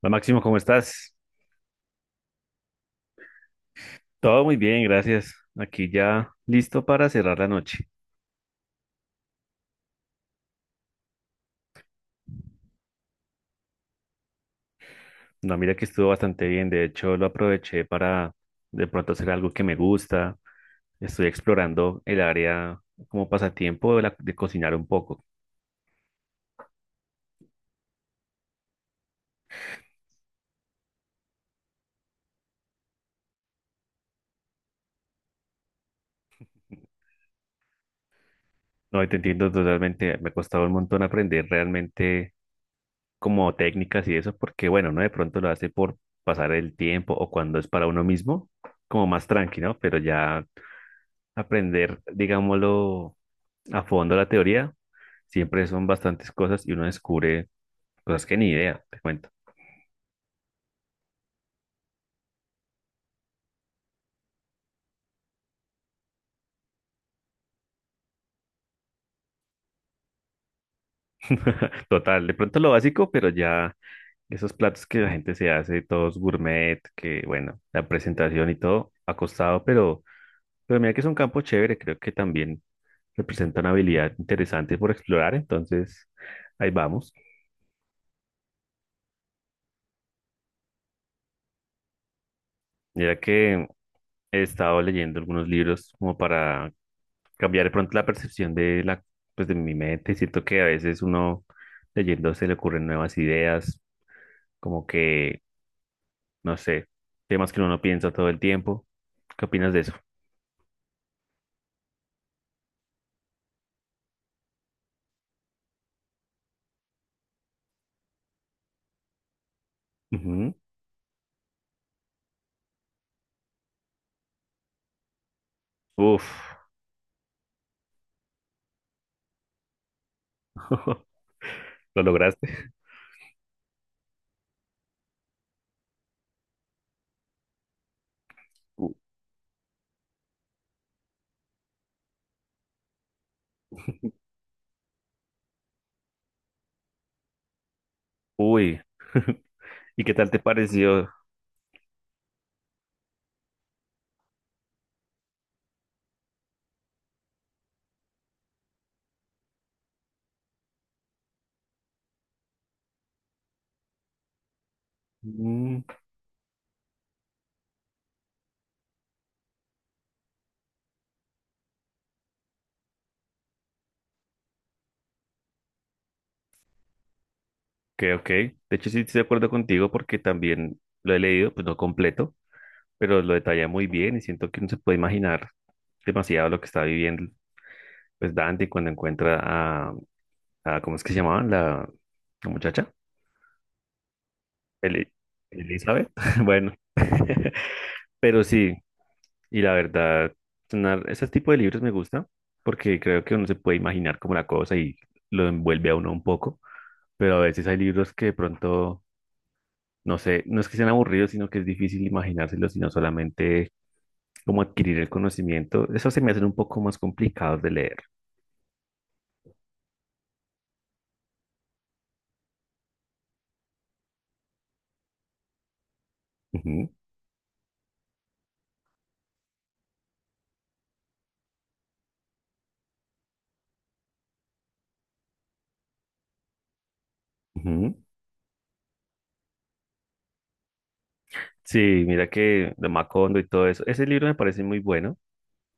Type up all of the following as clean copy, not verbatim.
Hola Máximo, ¿cómo estás? Todo muy bien, gracias. Aquí ya listo para cerrar la noche. No, mira que estuvo bastante bien. De hecho, lo aproveché para de pronto hacer algo que me gusta. Estoy explorando el área como pasatiempo de cocinar un poco. No, y te entiendo totalmente. Me ha costado un montón aprender realmente como técnicas y eso, porque bueno, no de pronto lo hace por pasar el tiempo o cuando es para uno mismo, como más tranqui, ¿no? Pero ya aprender, digámoslo, a fondo la teoría, siempre son bastantes cosas y uno descubre cosas que ni idea, te cuento. Total, de pronto lo básico, pero ya esos platos que la gente se hace, todos gourmet, que bueno, la presentación y todo ha costado, pero mira que es un campo chévere, creo que también representa una habilidad interesante por explorar, entonces ahí vamos. Mira que he estado leyendo algunos libros como para cambiar de pronto la percepción pues de mi mente. Siento que a veces uno leyendo se le ocurren nuevas ideas, como que, no sé, temas que uno no piensa todo el tiempo. ¿Qué opinas de eso? Ujú. Uf. ¿Lo lograste? U- Uy. ¿Y qué tal te pareció? Mm. Ok, ok. De hecho, sí estoy de acuerdo contigo porque también lo he leído, pues no completo, pero lo detalla muy bien y siento que uno se puede imaginar demasiado lo que está viviendo pues Dante cuando encuentra a, ¿cómo es que se llamaba? La muchacha, Eli- Elizabeth. Bueno, pero sí, y la verdad, ese tipo de libros me gusta porque creo que uno se puede imaginar como la cosa y lo envuelve a uno un poco, pero a veces hay libros que de pronto no sé, no es que sean aburridos, sino que es difícil imaginárselos, sino solamente como adquirir el conocimiento. Eso se me hacen un poco más complicados de leer. Ujú, ujú. Sí, mira que de Macondo y todo eso. Ese libro me parece muy bueno.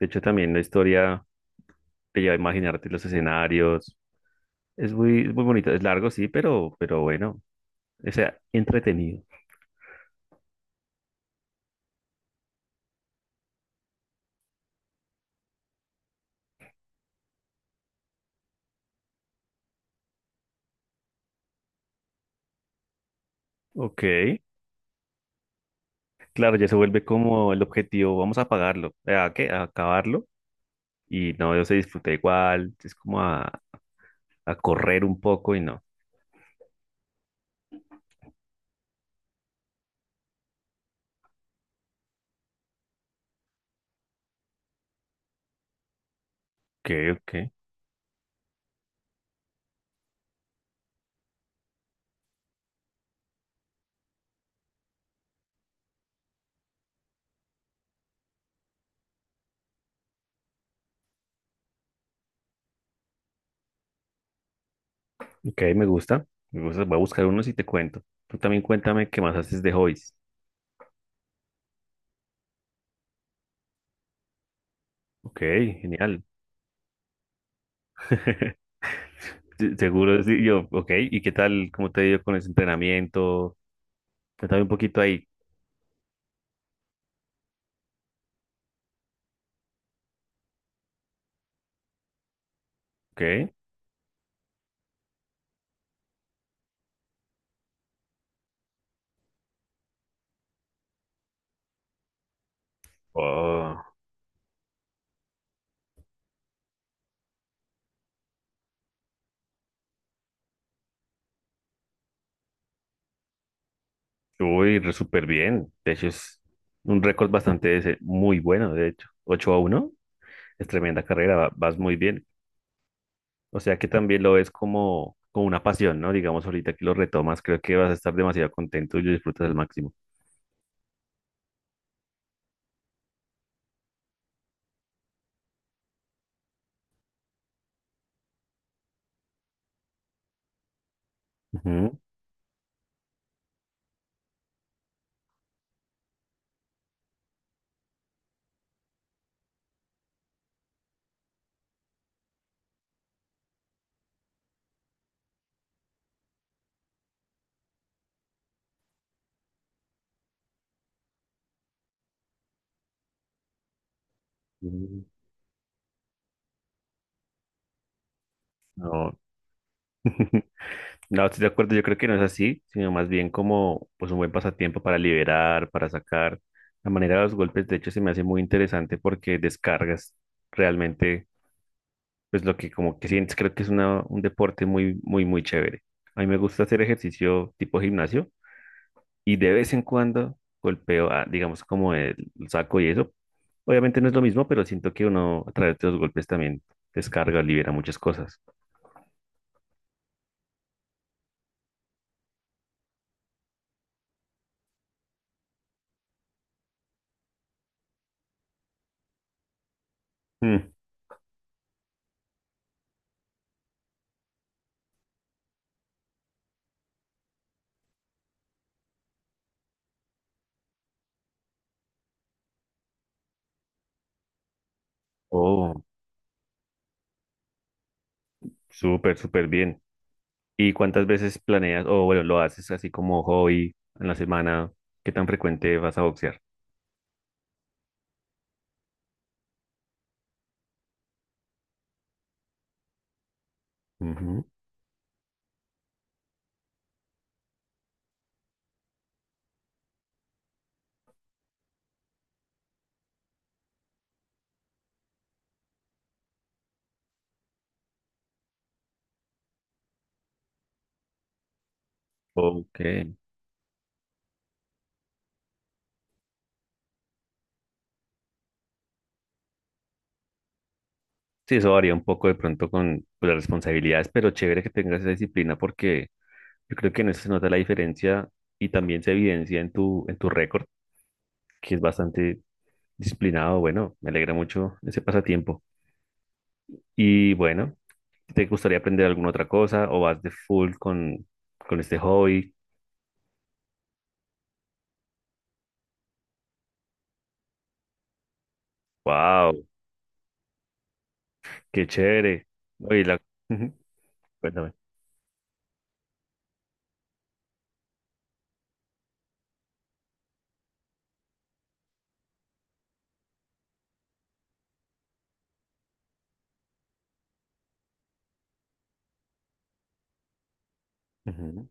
De hecho, también la historia te lleva a imaginarte los escenarios. Es es muy bonito. Es largo, sí, pero bueno, o sea, entretenido. Ok, claro, ya se vuelve como el objetivo, vamos a pagarlo, ¿a qué? A acabarlo. Y no, yo se disfruté igual, es como a correr un poco y no. Ok, ok, ok, me gusta, voy a buscar unos y te cuento. Tú también cuéntame qué más haces de hobbies. Ok, genial. Seguro, sí, yo, ok, ¿y qué tal, cómo te ha ido con ese entrenamiento? Cuéntame un poquito ahí, ok. Oh, uy, re súper bien, de hecho es un récord bastante, muy bueno, de hecho, 8 a uno es tremenda carrera, vas muy bien. O sea que también lo ves como, como una pasión, ¿no? Digamos, ahorita que lo retomas, creo que vas a estar demasiado contento y lo disfrutas al máximo. Ujú. Mm. No, no, estoy de acuerdo, yo creo que no es así, sino más bien como pues un buen pasatiempo para liberar, para sacar. La manera de los golpes, de hecho, se me hace muy interesante porque descargas realmente pues lo que como que sientes, creo que es una, un deporte muy chévere. A mí me gusta hacer ejercicio tipo gimnasio y de vez en cuando golpeo a, digamos, como el saco y eso. Obviamente no es lo mismo, pero siento que uno a través de los golpes también descarga, libera muchas cosas. Mm. Oh, súper, súper bien. ¿Y cuántas veces planeas, o bueno, lo haces así como hobby en la semana? ¿Qué tan frecuente vas a boxear? Ujú. Ok. Sí, eso varía un poco de pronto con pues, las responsabilidades, pero chévere que tengas esa disciplina porque yo creo que en eso se nota la diferencia y también se evidencia en tu récord, que es bastante disciplinado. Bueno, me alegra mucho ese pasatiempo. Y bueno, ¿te gustaría aprender alguna otra cosa o vas de con este hobby? ¡Wow! ¡Qué chévere! Oye, la... Ujú. Cuéntame. Ujú.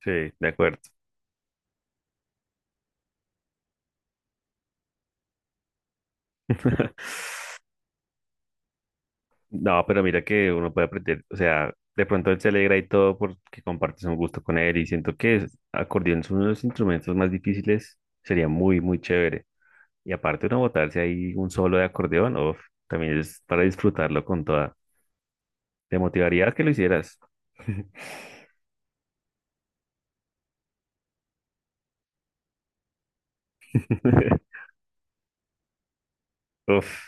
Sí, de acuerdo. No, pero mira que uno puede aprender, o sea, de pronto él se alegra y todo porque compartes un gusto con él y siento que acordeón es uno de los instrumentos más difíciles, sería muy, muy chévere. Y aparte uno botarse ahí un solo de acordeón, uf, también es para disfrutarlo con toda. Te motivaría a que lo hicieras. Uf,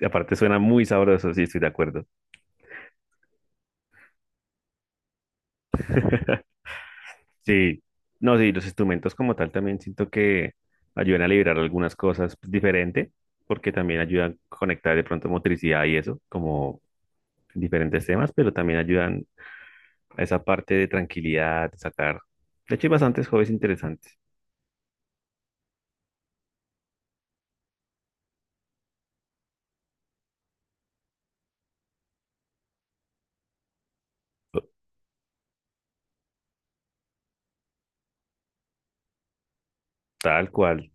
y aparte suena muy sabroso, sí, estoy de acuerdo. Sí, no, sí, los instrumentos como tal también siento que ayudan a liberar algunas cosas diferente, porque también ayudan a conectar de pronto motricidad y eso, como diferentes temas, pero también ayudan a esa parte de tranquilidad, de sacar. De hecho, hay bastantes hobbies interesantes. Tal cual.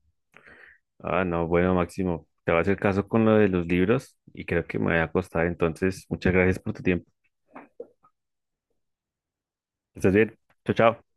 Ah, no, bueno, Máximo, te voy a hacer caso con lo de los libros y creo que me voy a acostar. Entonces, muchas gracias por tu tiempo. Estás bien. Chao, chao.